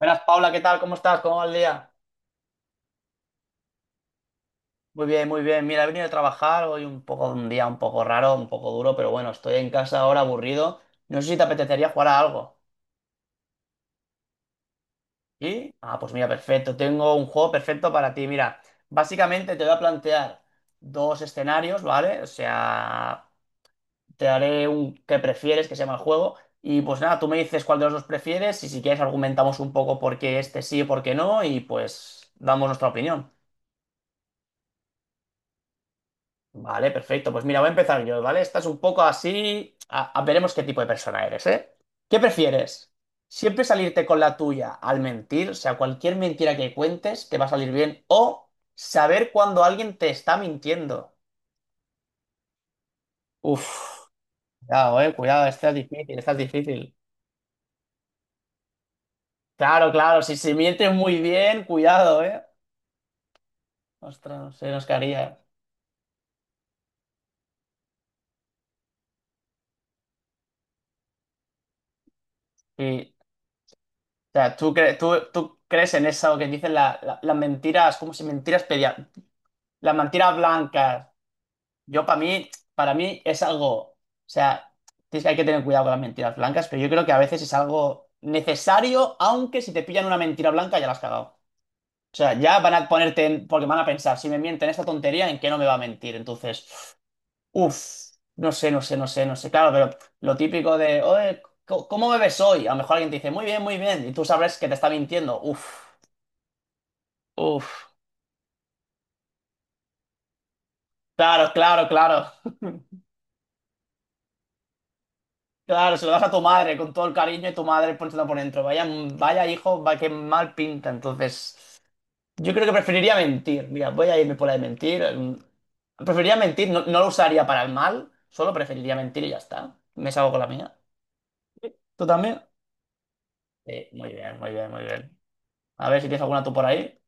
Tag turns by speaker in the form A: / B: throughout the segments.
A: Buenas, Paula, ¿qué tal? ¿Cómo estás? ¿Cómo va el día? Muy bien, muy bien. Mira, he venido a trabajar hoy un poco, un día un poco raro, un poco duro, pero bueno, estoy en casa ahora aburrido. No sé si te apetecería jugar a algo. ¿Y? Ah, pues mira, perfecto. Tengo un juego perfecto para ti. Mira, básicamente te voy a plantear dos escenarios, ¿vale? O sea, te haré un que prefieres, que se llama el juego. Y pues nada, tú me dices cuál de los dos prefieres y si quieres argumentamos un poco por qué este sí y por qué no y pues damos nuestra opinión. Vale, perfecto. Pues mira, voy a empezar yo, ¿vale? Esta es un poco así. Veremos qué tipo de persona eres, ¿eh? ¿Qué prefieres? ¿Siempre salirte con la tuya al mentir? O sea, cualquier mentira que cuentes te va a salir bien. O saber cuando alguien te está mintiendo. Uf, cuidado, cuidado, esta es difícil, esta es difícil. Claro, claro, si se miente muy bien, cuidado, eh. Ostras, no sé, nos caería. Sí. O sea, ¿tú crees en eso que dicen las mentiras, como si la mentira blanca, yo para mí es algo, o sea, tienes que hay que tener cuidado con las mentiras blancas, pero yo creo que a veces es algo necesario, aunque si te pillan una mentira blanca ya la has cagado. O sea, ya van a porque van a pensar, si me mienten esta tontería, ¿en qué no me va a mentir? Entonces, no sé, no sé, no sé, no sé. Claro, pero lo típico de, oye, ¿cómo bebes hoy? A lo mejor alguien te dice, muy bien, y tú sabes que te está mintiendo. Uff, claro, claro, claro. Claro, se lo das a tu madre con todo el cariño y tu madre poniéndolo por dentro. Vaya, vaya hijo, va que mal pinta. Entonces, yo creo que preferiría mentir. Mira, voy a irme por la de mentir. Preferiría mentir, no, no lo usaría para el mal, solo preferiría mentir y ya está. Me salgo con la mía. ¿Tú también? Sí, muy bien, muy bien, muy bien. A ver si tienes alguna tú por ahí.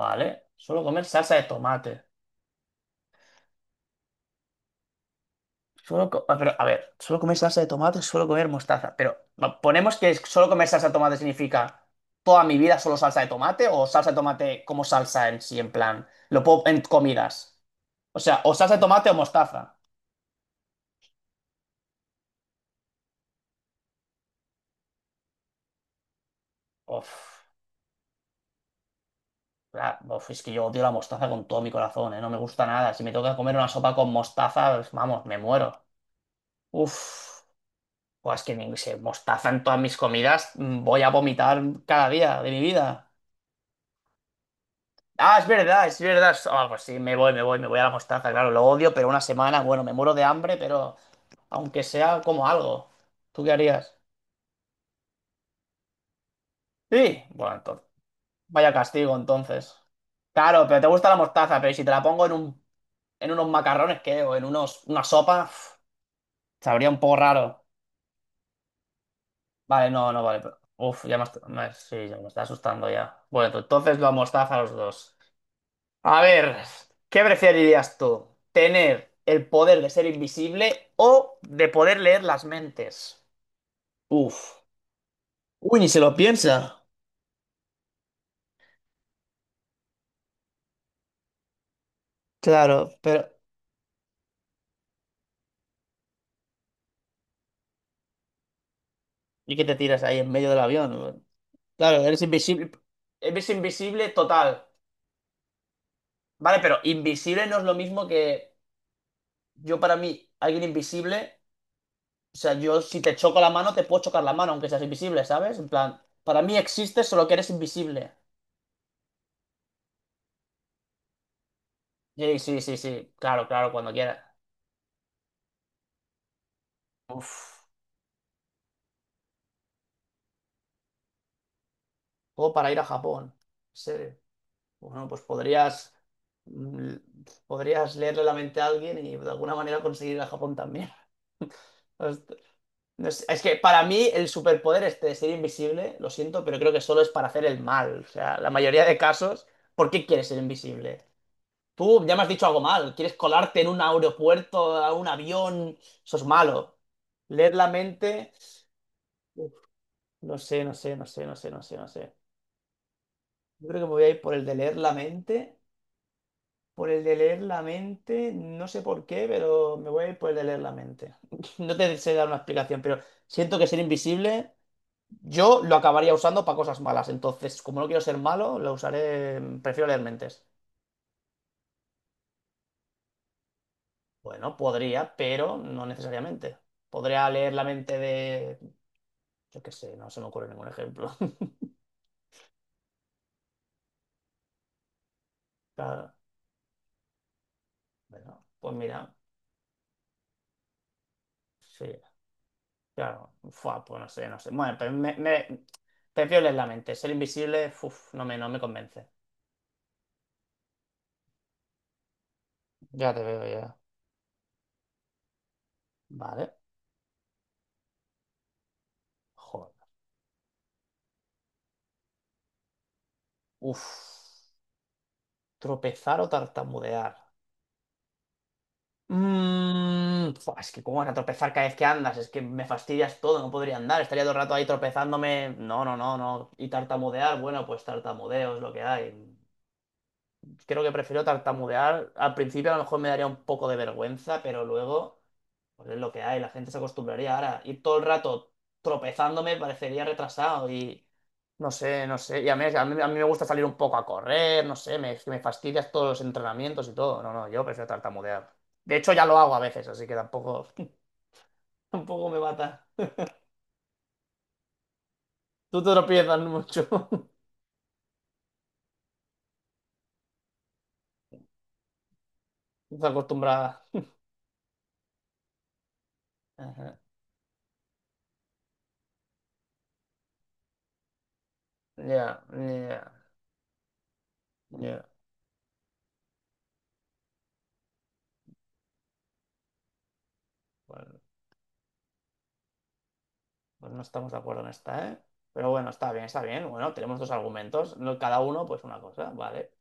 A: Vale, solo comer salsa de tomate. Ah, pero, a ver, solo comer salsa de tomate, solo comer mostaza. Pero va, ponemos que solo comer salsa de tomate significa toda mi vida solo salsa de tomate o salsa de tomate como salsa en sí, en plan, lo puedo en comidas. O sea, o salsa de tomate o mostaza. Uf, es que yo odio la mostaza con todo mi corazón, ¿eh? No me gusta nada. Si me toca comer una sopa con mostaza, pues, vamos, me muero. Uf, pues es que si mostaza en todas mis comidas, voy a vomitar cada día de mi vida. Ah, es verdad, es verdad. Ah, pues sí, me voy a la mostaza, claro, lo odio, pero una semana, bueno, me muero de hambre, pero aunque sea como algo. ¿Tú qué harías? Sí, bueno, entonces, vaya castigo entonces. Claro, pero te gusta la mostaza, pero si te la pongo en en unos macarrones, ¿qué? O en unos, una sopa, sabría un poco raro. Vale, no, no, vale. pero- Uf, ya me, est- me- sí, ya me está asustando ya. Bueno, entonces la mostaza a los dos. A ver, ¿qué preferirías tú? ¿Tener el poder de ser invisible o de poder leer las mentes? Uf. Uy, ni se lo piensa. Claro, pero... ¿Y qué te tiras ahí en medio del avión? Claro, eres invisible. Eres invisible total. Vale, pero invisible no es lo mismo que yo para mí, alguien invisible. O sea, yo si te choco la mano, te puedo chocar la mano, aunque seas invisible, ¿sabes? En plan, para mí existe solo que eres invisible. Sí, sí, sí, sí. Claro, claro, cuando quieras. Uf. O para ir a Japón. Sí. Bueno, pues podrías, mm, podrías leerle la mente a alguien y de alguna manera conseguir ir a Japón también. Host- no sé, es que para mí el superpoder este de ser invisible, lo siento, pero creo que solo es para hacer el mal. O sea, la mayoría de casos, ¿por qué quieres ser invisible? Tú ya me has dicho algo mal. ¿Quieres colarte en un aeropuerto, a un avión? Eso es malo. Leer la mente. Uf, no sé, no sé, no sé, no sé, no sé, no sé. Yo creo que me voy a ir por el de leer la mente. Por el de leer la mente, no sé por qué, pero me voy a ir por el de leer la mente. No te sé dar una explicación, pero siento que ser invisible yo lo acabaría usando para cosas malas. Entonces, como no quiero ser malo, lo usaré, prefiero leer mentes. Bueno, podría, pero no necesariamente. Podría leer la mente de... Yo qué sé, no se me ocurre ningún ejemplo. Claro, bueno, pues mira, sí, claro, fua, pues no sé, no sé. Bueno, prefiero leer la mente. Ser invisible, uf, no me, no me convence. Ya te veo, ya. Vale. Joder. Uf. Tropezar o tartamudear. Fua, es que cómo vas a tropezar cada vez que andas, es que me fastidias todo, no podría andar, estaría todo el rato ahí tropezándome. No, no, no, no. Y tartamudear, bueno, pues tartamudeo es lo que hay. Creo que prefiero tartamudear. Al principio a lo mejor me daría un poco de vergüenza, pero luego, pues es lo que hay, la gente se acostumbraría. Ahora, ir todo el rato tropezándome parecería retrasado y no sé, no sé. Y a mí me gusta salir un poco a correr, no sé, me fastidias todos los entrenamientos y todo. No, no, yo prefiero tartamudear. De hecho, ya lo hago a veces, así que tampoco, tampoco me mata. Tú te tropiezas mucho. Estás acostumbrada. Ajá. Ya, ya, ya. Bueno. Pues no estamos de acuerdo en esta, ¿eh? Pero bueno, está bien, está bien. Bueno, tenemos dos argumentos. Cada uno, pues una cosa, vale.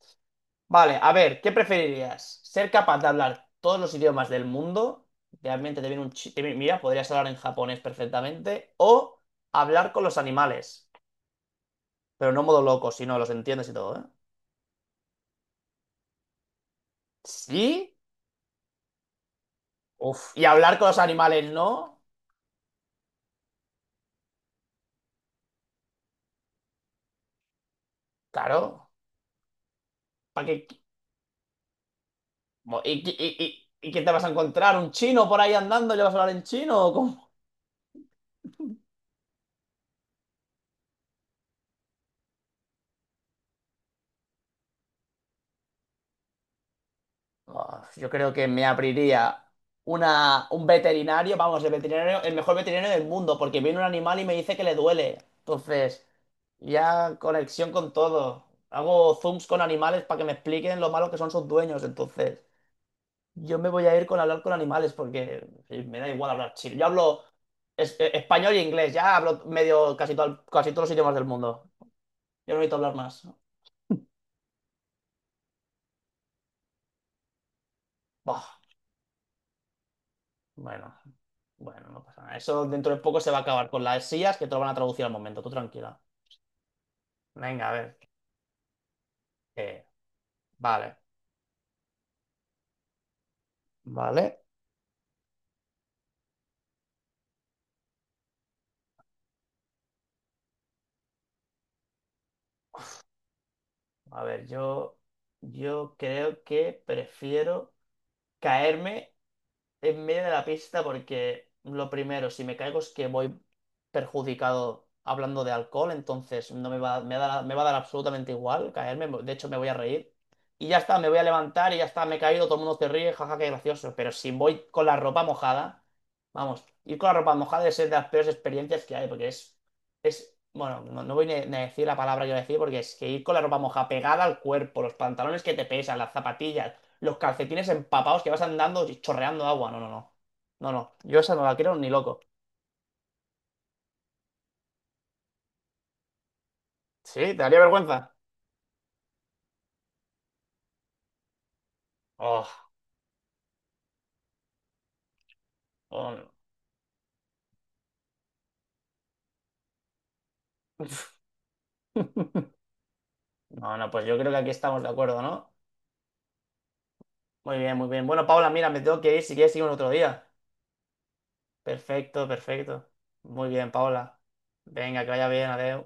A: Vale, a ver, ¿qué preferirías? ¿Ser capaz de hablar todos los idiomas del mundo? Realmente te viene un chi- Mira, podrías hablar en japonés perfectamente. O hablar con los animales. Pero no modo loco, sino los entiendes y todo, ¿eh? ¿Sí? Uf. ¿Y hablar con los animales no? Claro. ¿Para qué? ¿Y, y, y, y qué te vas a encontrar? ¿Un chino por ahí andando y le vas a hablar en chino? ¿O cómo? Ah, yo creo que me abriría un veterinario, vamos, el veterinario, el mejor veterinario del mundo, porque viene un animal y me dice que le duele. Entonces, ya conexión con todo. Hago zooms con animales para que me expliquen lo malo que son sus dueños. Entonces, yo me voy a ir con hablar con animales porque sí, me da igual hablar chino. Yo hablo español e inglés, ya hablo medio casi, todo, casi todos los idiomas del mundo. Yo no necesito hablar más. Buah. Bueno, bueno, no pasa nada. Eso dentro de poco se va a acabar con las sillas que te lo van a traducir al momento. Tú tranquila. Venga, a ver. eh, vale, vale. A ver, yo creo que prefiero caerme en medio de la pista porque lo primero, si me caigo es que voy perjudicado hablando de alcohol, entonces no me va, me va a dar absolutamente igual caerme, de hecho me voy a reír. Y ya está, me voy a levantar y ya está, me he caído, todo el mundo se ríe, jaja, qué gracioso. Pero si voy con la ropa mojada, vamos, ir con la ropa mojada es de las peores experiencias que hay, porque bueno, no, no voy ni a decir la palabra que voy a decir, porque es que ir con la ropa mojada pegada al cuerpo, los pantalones que te pesan, las zapatillas los calcetines empapados que vas andando y chorreando agua. No, no, no. No, no. Yo esa no la quiero ni loco. Sí, te daría vergüenza. Oh, oh, no. No, no, pues yo creo que aquí estamos de acuerdo, ¿no? Muy bien, muy bien. Bueno, Paula, mira, me tengo que ir. Si quieres, seguimos otro día. Perfecto, perfecto. Muy bien, Paula. Venga, que vaya bien, adiós.